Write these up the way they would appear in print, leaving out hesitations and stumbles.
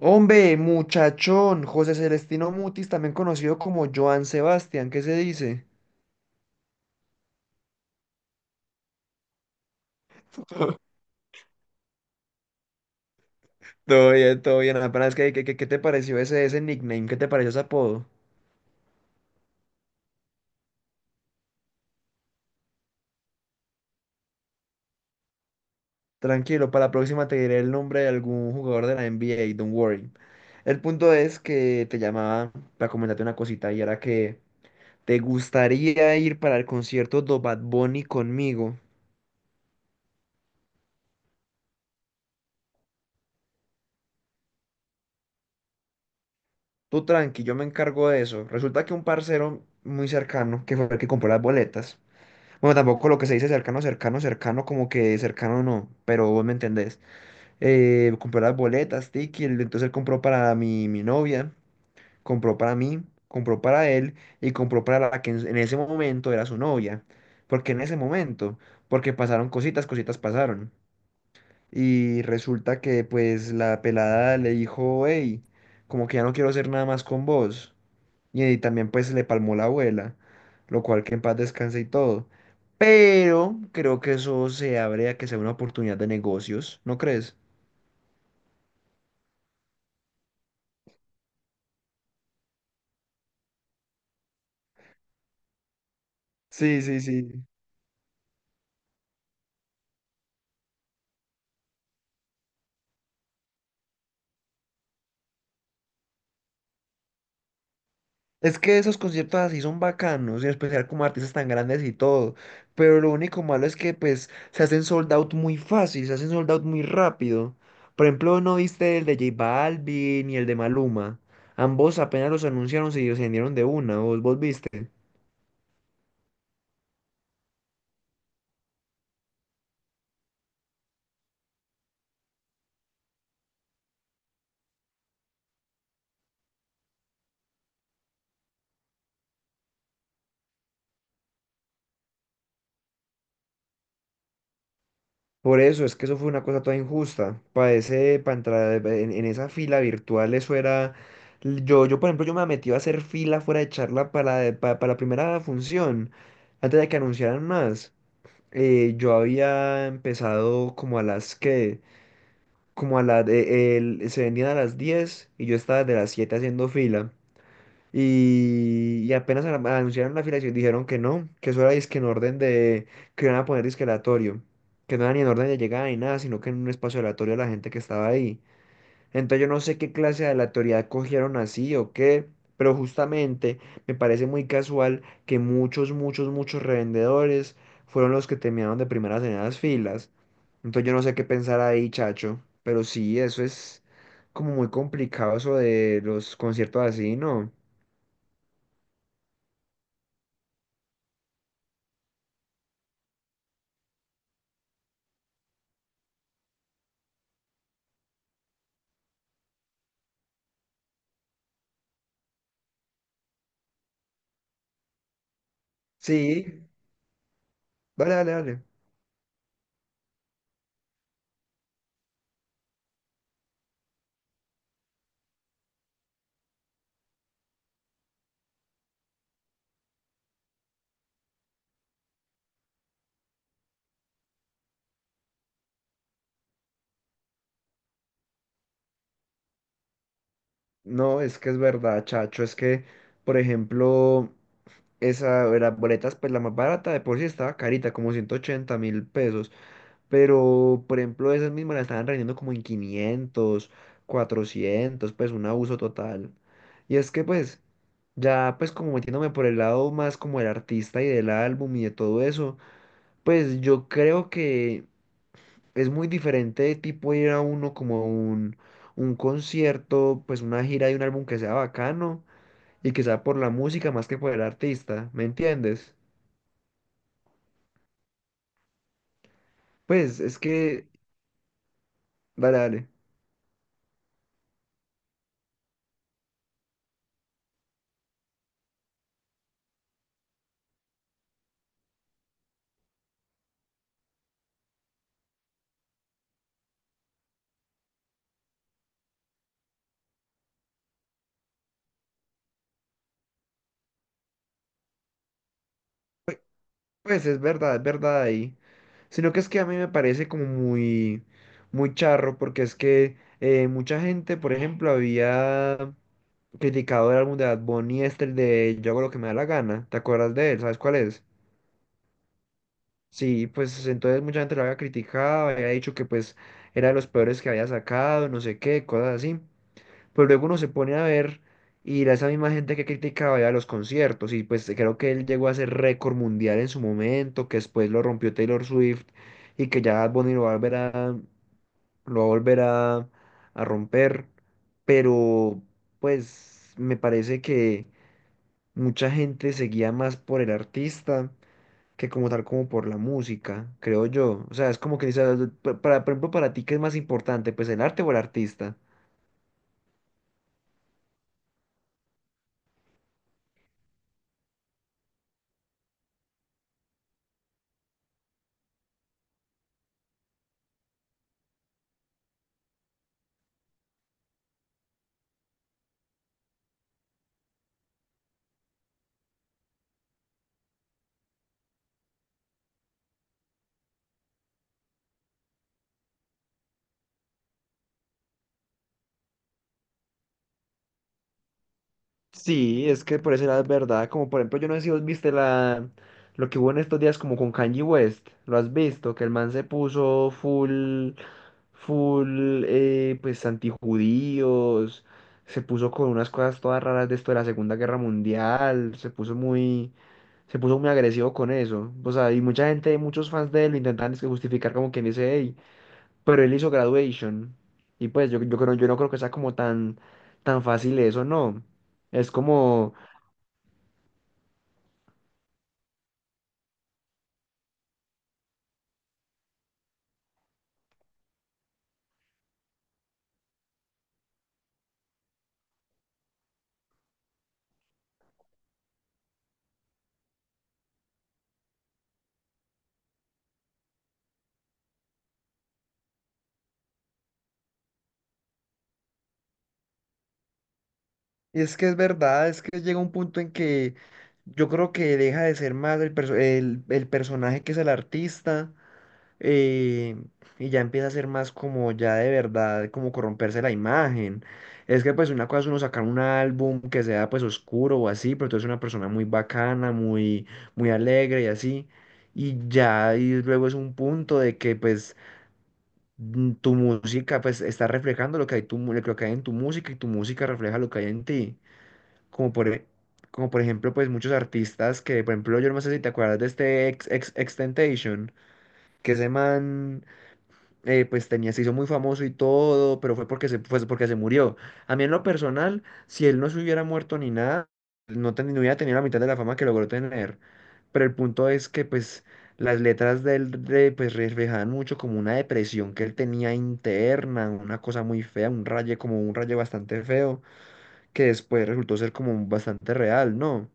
Hombre, muchachón, José Celestino Mutis, también conocido como Joan Sebastián, ¿Qué se dice? Todo bien, todo bien. Apenas ¿qué te pareció ese nickname? ¿Qué te pareció ese apodo? Tranquilo, para la próxima te diré el nombre de algún jugador de la NBA, don't worry. El punto es que te llamaba para comentarte una cosita y era que te gustaría ir para el concierto de Bad Bunny conmigo. Tú tranqui, yo me encargo de eso. Resulta que un parcero muy cercano, que fue el que compró las boletas. Bueno, tampoco lo que se dice cercano, cercano, cercano, como que cercano no, pero vos me entendés. Compró las boletas, Tiki, entonces él compró para mi novia, compró para mí, compró para él y compró para la que en ese momento era su novia. ¿Por qué en ese momento? Porque pasaron cositas, cositas pasaron. Y resulta que pues la pelada le dijo, hey, como que ya no quiero hacer nada más con vos. Y también pues le palmó la abuela, lo cual que en paz descanse y todo. Pero creo que eso se abre a que sea una oportunidad de negocios, ¿no crees? Sí, sí, sí. Es que esos conciertos así son bacanos, en especial como artistas tan grandes y todo. Pero lo único malo es que pues se hacen sold out muy fácil, se hacen sold out muy rápido. Por ejemplo, ¿no viste el de J Balvin y el de Maluma? Ambos apenas los anunciaron, se vendieron de una, ¿vos viste? Por eso, es que eso fue una cosa toda injusta. Para entrar en esa fila virtual, eso era. Yo, por ejemplo, yo me metí a hacer fila fuera de charla para la primera función, antes de que anunciaran más. Yo había empezado como a como a las, se vendían a las 10 y yo estaba de las 7 haciendo fila. Y apenas anunciaron la afiliación, dijeron que no, que eso era disque en orden de, que iban a poner disque aleatorio, que no era ni en orden de llegada ni nada, sino que en un espacio aleatorio a la gente que estaba ahí. Entonces yo no sé qué clase de aleatoriedad cogieron así o qué, pero justamente me parece muy casual que muchos, muchos, muchos revendedores fueron los que terminaron de primeras en las filas. Entonces yo no sé qué pensar ahí, chacho, pero sí, eso es como muy complicado eso de los conciertos así, ¿no? Sí, vale, vale, vale. No, es que es verdad, chacho. Es que, por ejemplo, esa de las boletas, pues la más barata de por sí estaba carita, como 180.000 pesos. Pero, por ejemplo, esas mismas la estaban vendiendo como en 500 400, pues un abuso total. Y es que, pues, ya, pues, como metiéndome por el lado más como el artista y del álbum y de todo eso, pues yo creo que, es muy diferente de tipo ir a uno como a un concierto, pues una gira de un álbum que sea bacano y que sea por la música más que por el artista, ¿me entiendes? Pues es que, dale, dale, pues es verdad ahí, sino que es que a mí me parece como muy, muy charro porque es que mucha gente, por ejemplo, había criticado el álbum de Bad Bunny, este, el de Yo hago lo que me da la gana. ¿Te acuerdas de él? ¿Sabes cuál es? Sí, pues entonces mucha gente lo había criticado, había dicho que pues era de los peores que había sacado, no sé qué, cosas así. Pero luego uno se pone a ver y era esa misma gente que criticaba ya los conciertos, y pues creo que él llegó a ser récord mundial en su momento, que después lo rompió Taylor Swift, y que ya Bad Bunny lo va a volver a, lo va a, volver a, a romper. Pero pues me parece que mucha gente seguía más por el artista que como tal como por la música, creo yo. O sea, es como que, dices para, por ejemplo, para ti, ¿qué es más importante? Pues el arte o el artista. Sí, es que por ese lado es verdad. Como por ejemplo, yo no sé si vos viste lo que hubo en estos días como con Kanye West. ¿Lo has visto? Que el man se puso full, full, pues antijudíos. Se puso con unas cosas todas raras de esto de la Segunda Guerra Mundial. Se puso muy agresivo con eso. O sea, y mucha gente, muchos fans de él lo intentan es que justificar como quien dice, hey, pero él hizo graduation. Y pues yo creo, yo no creo que sea como tan, tan fácil eso, no. Es como, Y es que es verdad, es que llega un punto en que yo creo que deja de ser más el personaje que es el artista, eh, y ya empieza a ser más como ya de verdad, como corromperse la imagen. Es que pues una cosa es uno sacar un álbum que sea pues oscuro o así, pero tú eres una persona muy bacana, muy, muy alegre y así. Y ya, y luego es un punto de que pues tu música pues está reflejando lo que hay, lo que hay en tu música y tu música refleja lo que hay en ti. Como por, e- como por ejemplo pues muchos artistas que, por ejemplo, yo no sé si te acuerdas de este Extentation, que ese man pues tenía, se hizo muy famoso y todo, pero fue porque se murió. A mí en lo personal, si él no se hubiera muerto ni nada, no, no hubiera tenido la mitad de la fama que logró tener. Pero el punto es que pues las letras de él pues, reflejaban mucho como una depresión que él tenía interna, una cosa muy fea, un raye como un raye bastante feo, que después resultó ser como bastante real, ¿no?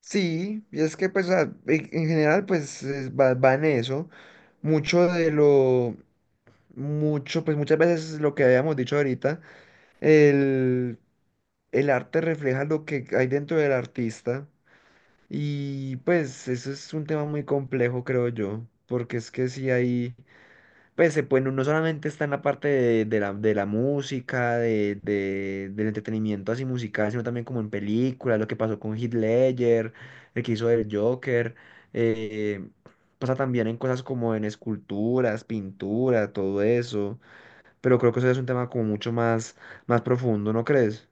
Sí, y es que pues en general pues va, va en eso. Mucho de lo mucho, pues muchas veces lo que habíamos dicho ahorita, el, el arte refleja lo que hay dentro del artista, y pues eso es un tema muy complejo, creo yo, porque es que si hay, pues se puede, no solamente está en la parte de la música, del entretenimiento así musical, sino también como en películas, lo que pasó con Heath Ledger, el que hizo el Joker, eh, pasa también en cosas como en esculturas, pintura, todo eso, pero creo que eso es un tema como mucho más, más profundo, ¿no crees?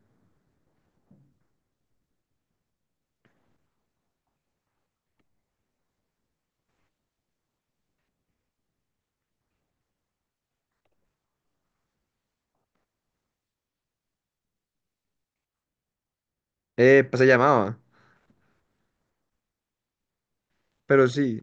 Pues se llamaba, pero sí,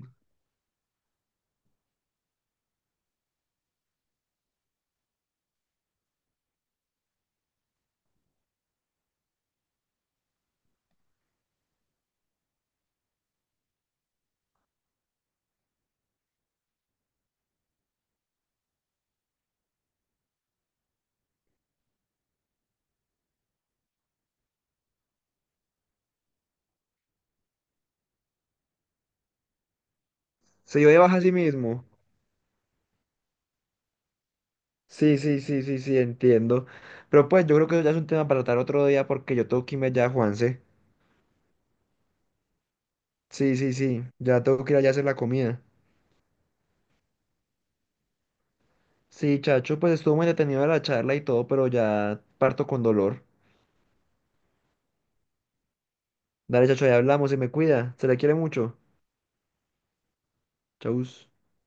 se dio de baja a sí mismo. Sí, sí, sí, sí, sí, entiendo. Pero pues yo creo que eso ya es un tema para tratar otro día porque yo tengo que irme ya, Juanse. Sí, sí, sí, ya tengo que ir allá a hacer la comida. Sí, chacho, pues estuvo muy detenido la charla y todo, pero ya parto con dolor. Dale, chacho, ya hablamos, se me cuida, se le quiere mucho. Chau.